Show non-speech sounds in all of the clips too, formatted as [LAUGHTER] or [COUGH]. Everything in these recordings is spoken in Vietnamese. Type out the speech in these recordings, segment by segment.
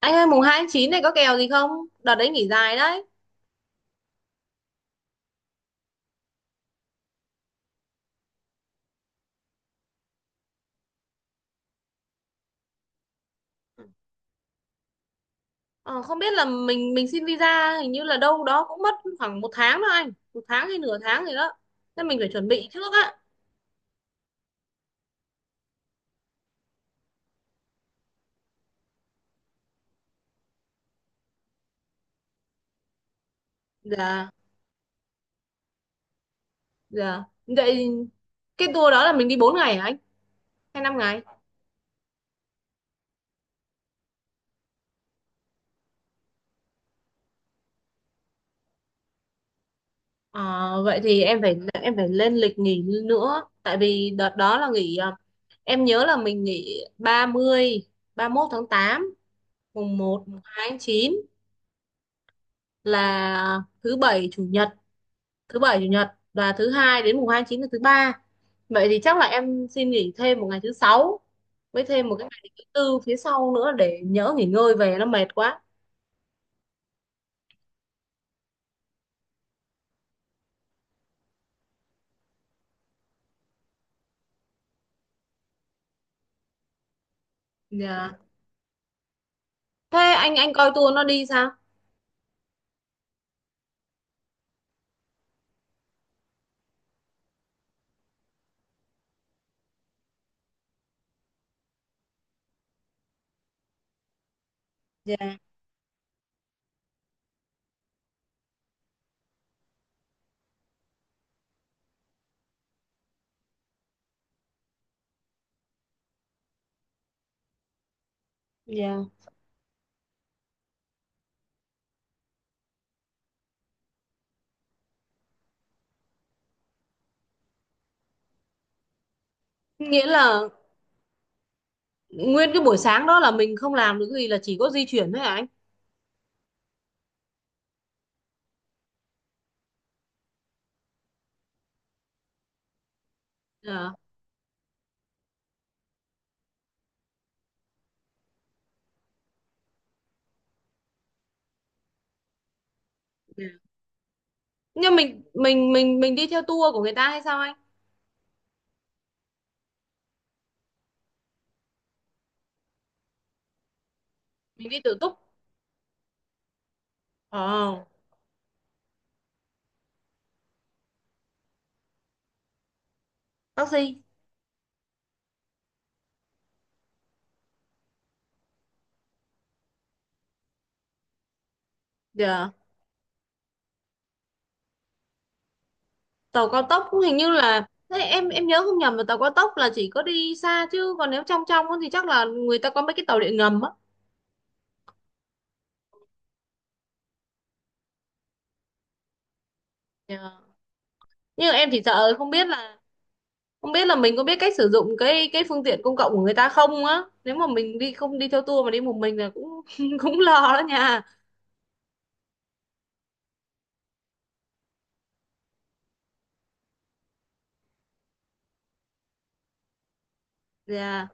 Anh ơi mùng 2 tháng 9 này có kèo gì không? Đợt đấy nghỉ dài đấy. Ờ, không biết là mình xin visa hình như là đâu đó cũng mất khoảng một tháng đó anh. Một tháng hay nửa tháng gì đó. Nên mình phải chuẩn bị trước á. Dạ, dạ. Vậy cái tour đó là mình đi 4 ngày hả anh? Hay 5 ngày? Ờ, vậy thì em phải lên lịch nghỉ nữa. Tại vì đợt đó là nghỉ à, em nhớ là mình nghỉ 30, mốt tháng tám, mùng một mùng 2 tháng 9 là thứ bảy chủ nhật, thứ bảy chủ nhật và thứ hai, đến mùng hai tháng chín là thứ ba. Vậy thì chắc là em xin nghỉ thêm một ngày thứ sáu với thêm một cái ngày thứ tư phía sau nữa, để nhỡ nghỉ ngơi về nó mệt quá. Dạ. Thế anh coi tour nó đi sao? Dạ, dạ. Nghĩa là nguyên cái buổi sáng đó là mình không làm được gì, là chỉ có di chuyển thôi hả anh? Dạ, dạ. Nhưng mình đi theo tour của người ta hay sao anh? Mình đi tự túc. Ồ. Taxi. Dạ. Tàu cao tốc cũng hình như là thế, em nhớ không nhầm là tàu cao tốc là chỉ có đi xa, chứ còn nếu trong trong á thì chắc là người ta có mấy cái tàu điện ngầm á. Ờ. Nhưng em chỉ sợ không biết là mình có biết cách sử dụng cái phương tiện công cộng của người ta không á, nếu mà mình đi không đi theo tour mà đi một mình là cũng [LAUGHS] cũng lo đó nha. Dạ,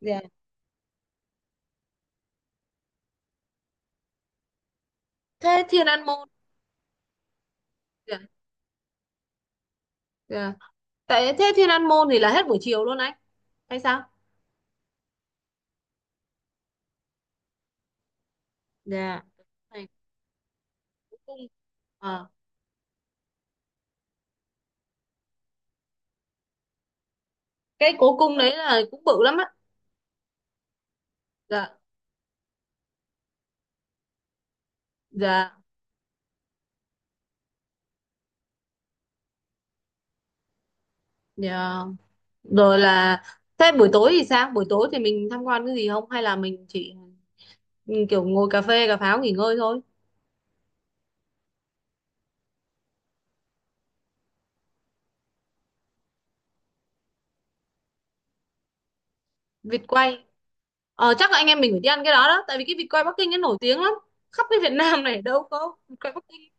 dạ. Thế Thiên An Môn. Dạ, dạ. Tại thế Thiên An Môn thì là hết buổi chiều luôn anh hay sao? Dạ này, cố cung. Ờ, cái cố cung đấy là cũng bự lắm á. Dạ, dạ, dạ. Rồi là thế, buổi tối thì sao? Buổi tối thì mình tham quan cái gì không hay là mình chỉ kiểu ngồi cà phê cà pháo nghỉ ngơi thôi? Vịt quay. Chắc là anh em mình phải đi ăn cái đó đó, tại vì cái vịt quay Bắc Kinh nó nổi tiếng lắm, khắp cái Việt Nam này đâu có vịt quay Bắc Kinh.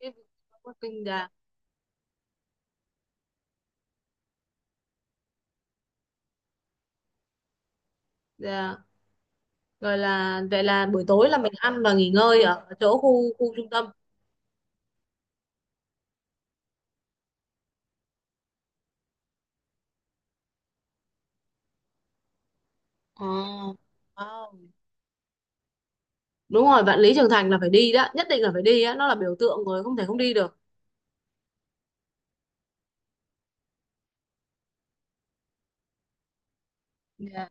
Cái vịt quay Bắc Kinh là rồi là vậy là buổi tối là mình ăn và nghỉ ngơi ở chỗ khu khu trung tâm. Ờ. Wow. Đúng rồi, Vạn Lý Trường Thành là phải đi đó, nhất định là phải đi á, nó là biểu tượng rồi, không thể không đi được. Dạ.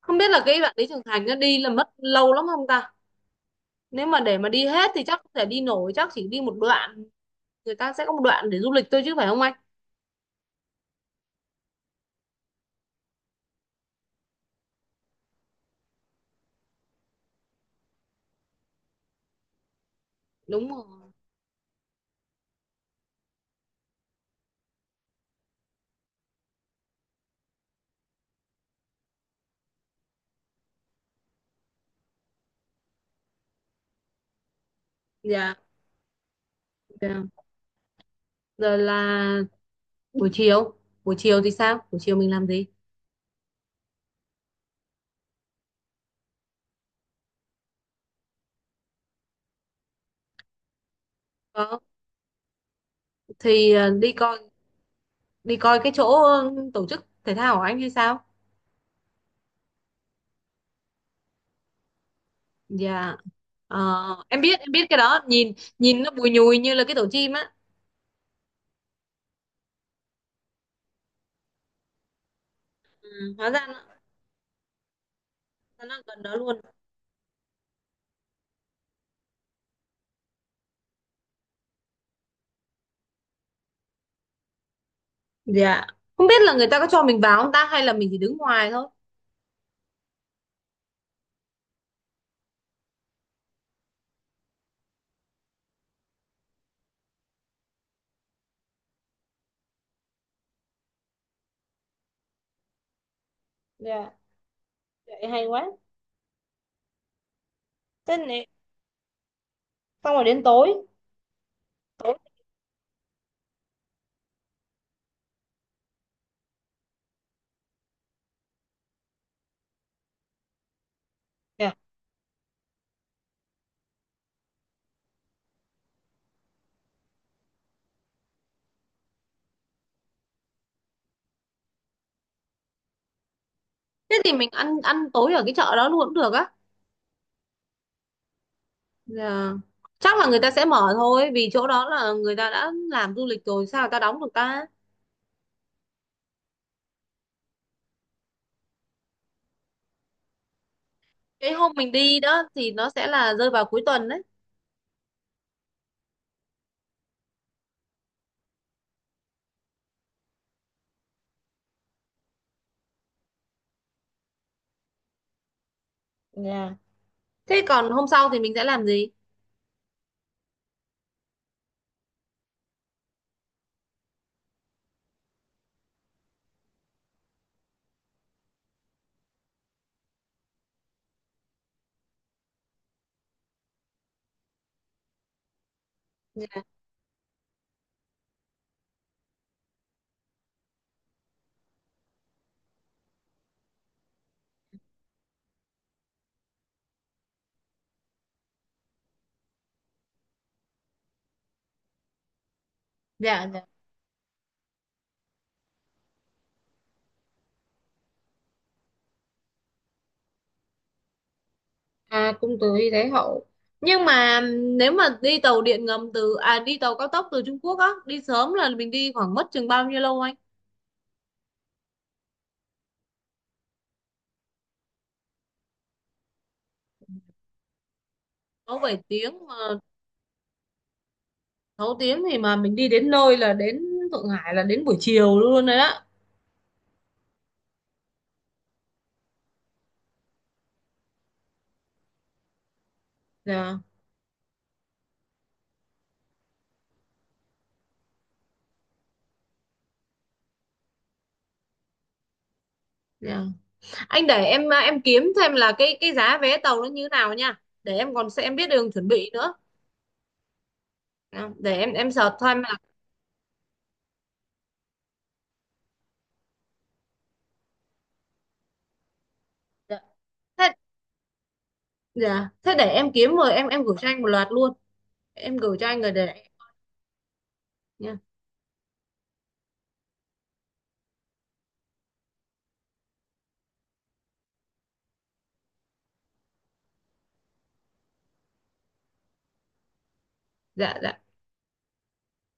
Không biết là cái Vạn Lý Trường Thành nó đi là mất lâu lắm không ta? Nếu mà để mà đi hết thì chắc không thể đi nổi, chắc chỉ đi một đoạn. Người ta sẽ có một đoạn để du lịch thôi chứ phải không anh? Đúng rồi. Dạ, dạ. Rồi là buổi chiều. Buổi chiều thì sao, buổi chiều mình làm gì? Có. Thì đi coi cái chỗ tổ chức thể thao của anh hay sao? Dạ. Ờ, em biết cái đó, nhìn nhìn nó bùi nhùi như là cái tổ chim á. Ừ, hóa ra nó gần đó luôn. Dạ. Không biết là người ta có cho mình vào không ta hay là mình chỉ đứng ngoài thôi? Dạ, vậy hay quá. Xong rồi đến tối. Thế thì mình ăn ăn tối ở cái chợ đó luôn cũng được á. Dạ. Chắc là người ta sẽ mở thôi, vì chỗ đó là người ta đã làm du lịch rồi, sao người ta đóng được ta? Cái hôm mình đi đó thì nó sẽ là rơi vào cuối tuần đấy. Dạ. Thế còn hôm sau thì mình sẽ làm gì? Dạ, dạ, dạ. À, cung Từ Thái Hậu. Nhưng mà nếu mà đi tàu điện ngầm từ à, đi tàu cao tốc từ Trung Quốc á đi sớm là mình đi khoảng mất chừng bao nhiêu lâu anh? 6, 7 tiếng mà. 6 tiếng thì mà mình đi đến nơi là đến Thượng Hải là đến buổi chiều luôn đấy á. Dạ. Dạ. Anh để em à, em kiếm thêm là cái giá vé tàu nó như nào nha. Để em còn sẽ em biết đường chuẩn bị nữa. Dạ. Để em search thôi mà. Dạ. Thế, dạ. Thế để em kiếm rồi em gửi cho anh một loạt luôn. Em gửi cho anh rồi để nha. Dạ, dạ.